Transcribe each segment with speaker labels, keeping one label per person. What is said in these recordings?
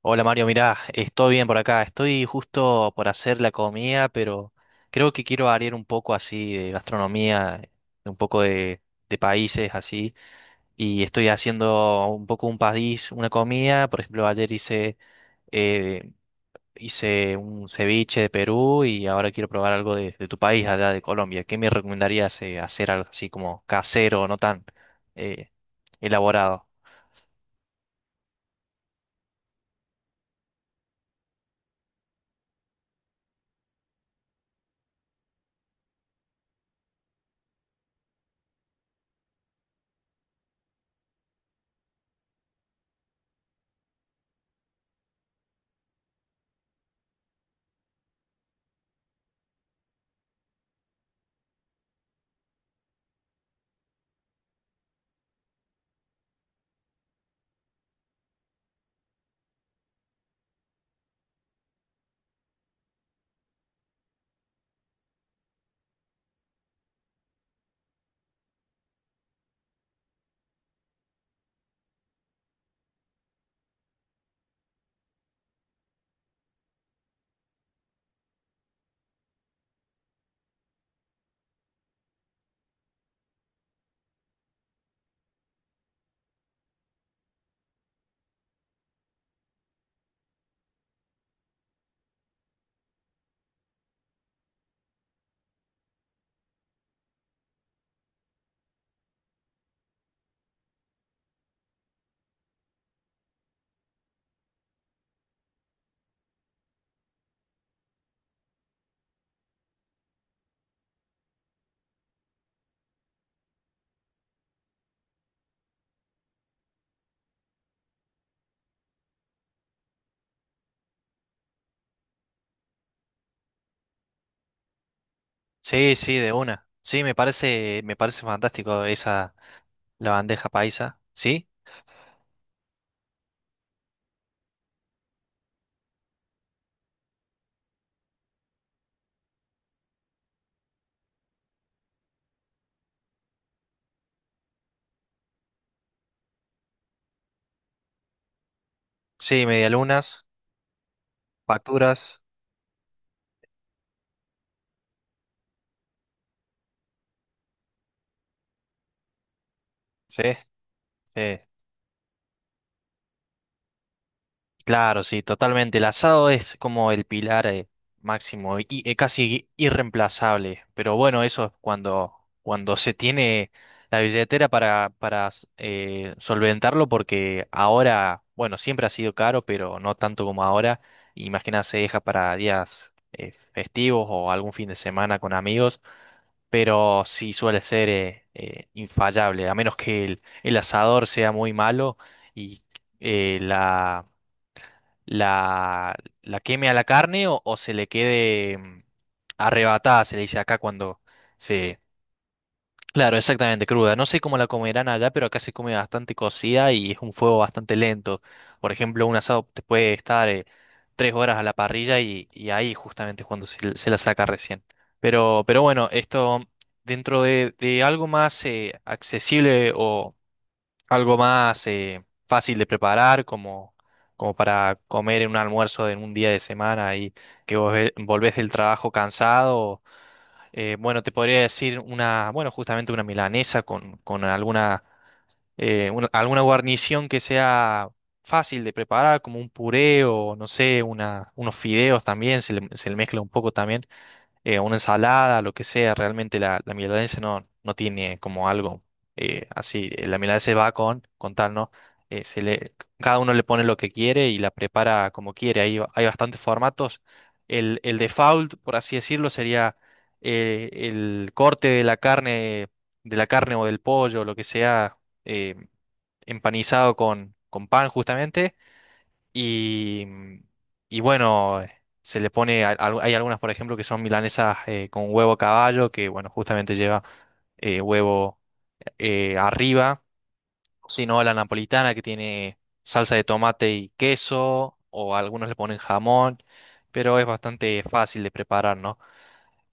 Speaker 1: Hola Mario, mirá, estoy bien por acá. Estoy justo por hacer la comida, pero creo que quiero variar un poco así de gastronomía, de un poco de países así. Y estoy haciendo un poco un país, una comida. Por ejemplo, ayer hice, eh, hice un ceviche de Perú y ahora quiero probar algo de tu país allá de Colombia. ¿Qué me recomendarías hacer algo así como casero, no tan eh, elaborado? Sí, sí, de una. Sí, me parece fantástico esa la bandeja paisa. ¿Sí? Sí, medialunas, facturas. Sí, sí. Claro, sí, totalmente. El asado es como el pilar máximo y casi irreemplazable. Pero bueno, eso es cuando se tiene la billetera para, para solventarlo, porque ahora, bueno, siempre ha sido caro, pero no tanto como ahora. Imagina, se deja para días festivos o algún fin de semana con amigos. Pero sí suele ser infallable, a menos que el asador sea muy malo y eh, la, la, la queme a la carne o se le quede arrebatada, se le dice acá cuando se claro, exactamente, cruda. No sé cómo la comerán allá, pero acá se come bastante cocida y es un fuego bastante lento. Por ejemplo, un asado te puede estar 3 horas a la parrilla y ahí justamente es cuando se la saca recién. Pero bueno, esto dentro de algo más accesible o algo más fácil de preparar, como, como para comer en un almuerzo en un día de semana y que volvés del trabajo cansado. Bueno, te podría decir una, bueno, justamente una milanesa con alguna guarnición que sea fácil de preparar, como un puré o, no sé, una, unos fideos también, se le mezcla un poco también una ensalada, lo que sea, realmente la milanesa no, no tiene como algo así. La milanesa va con tal, ¿no? Se le, cada uno le pone lo que quiere y la prepara como quiere. Hay bastantes formatos. El default, por así decirlo, sería el corte de la carne o del pollo, lo que sea, eh, empanizado con pan justamente y, y bueno, se le pone, hay algunas, por ejemplo, que son milanesas con huevo a caballo, que bueno, justamente lleva huevo arriba, sino la napolitana que tiene salsa de tomate y queso, o algunos le ponen jamón, pero es bastante fácil de preparar, ¿no?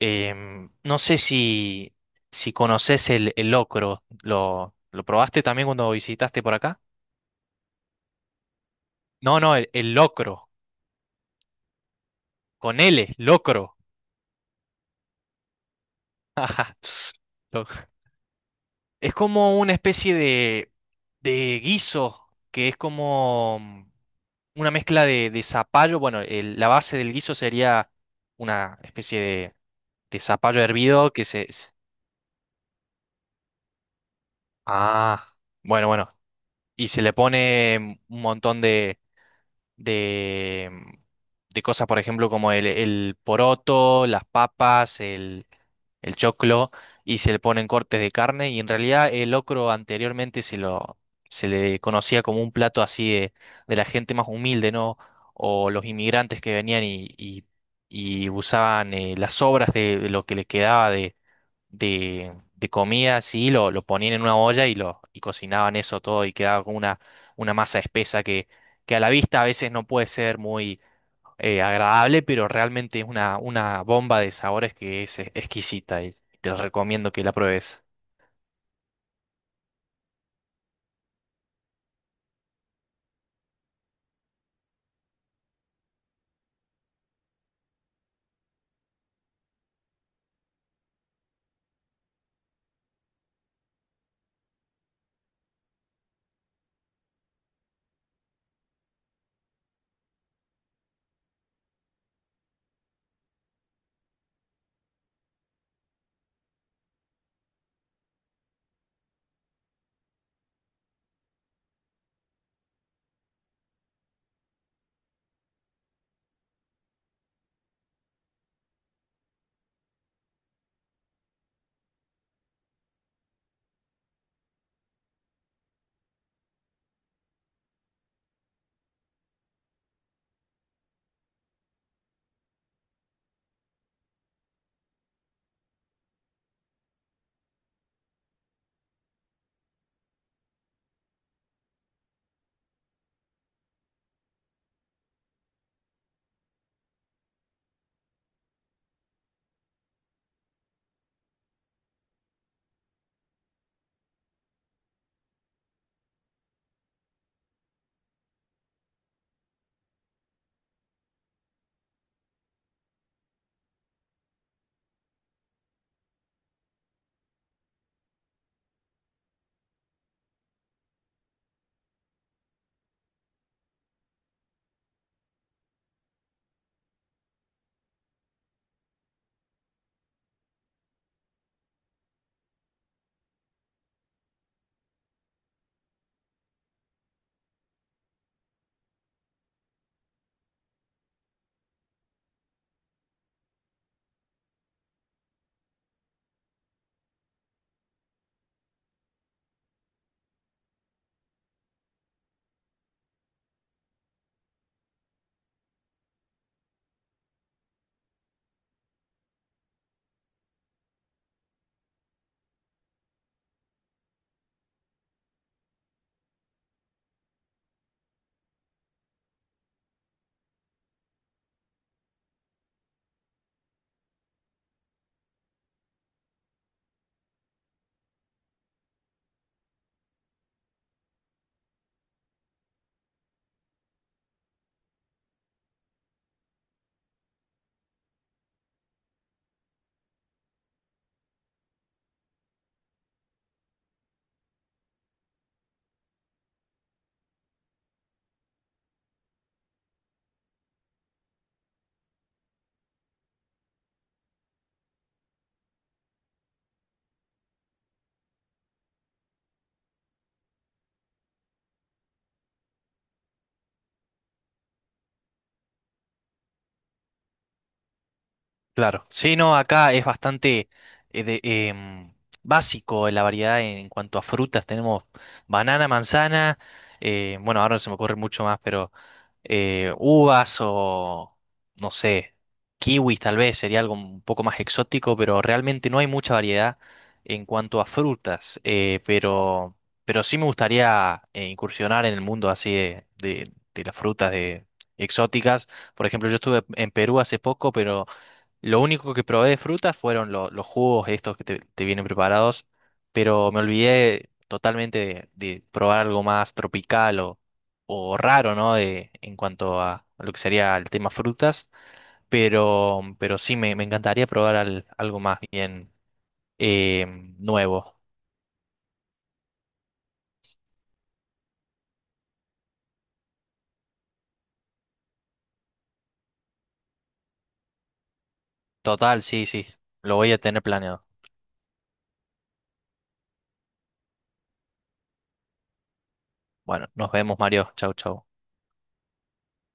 Speaker 1: No sé si, si conoces el locro, lo probaste también cuando visitaste por acá? No, no, el locro, con L, locro. Es como una especie de guiso, que es como una mezcla de zapallo. Bueno, la base del guiso sería una especie de zapallo hervido que se... se- ah, bueno, bueno. Y se le pone un montón de, de cosas, por ejemplo, como el poroto, las papas, el choclo y se le ponen cortes de carne y en realidad el locro anteriormente se le conocía como un plato así de la gente más humilde, ¿no? O los inmigrantes que venían y usaban las sobras de lo que les quedaba de comida, así lo ponían en una olla y lo y cocinaban eso todo y quedaba con una masa espesa que a la vista a veces no puede ser muy agradable, pero realmente es una bomba de sabores que es exquisita y te recomiendo que la pruebes. Claro. Sí, no, acá es bastante eh, de- em, básico la variedad en cuanto a frutas. Tenemos banana, manzana, bueno, ahora no se me ocurre mucho más, pero uvas o, no sé, kiwis tal vez sería algo un poco más exótico, pero realmente no hay mucha variedad en cuanto a frutas. Pero sí me gustaría incursionar en el mundo así de las frutas de, exóticas. Por ejemplo, yo estuve en Perú hace poco, pero... lo único que probé de frutas fueron los jugos estos que te vienen preparados, pero me olvidé totalmente de probar algo más tropical o raro, ¿no? De, en cuanto a lo que sería el tema frutas, pero sí me encantaría probar algo más bien eh, nuevo. Total, sí, sí, lo voy a tener planeado. Bueno, nos vemos, Mario. Chau, chau.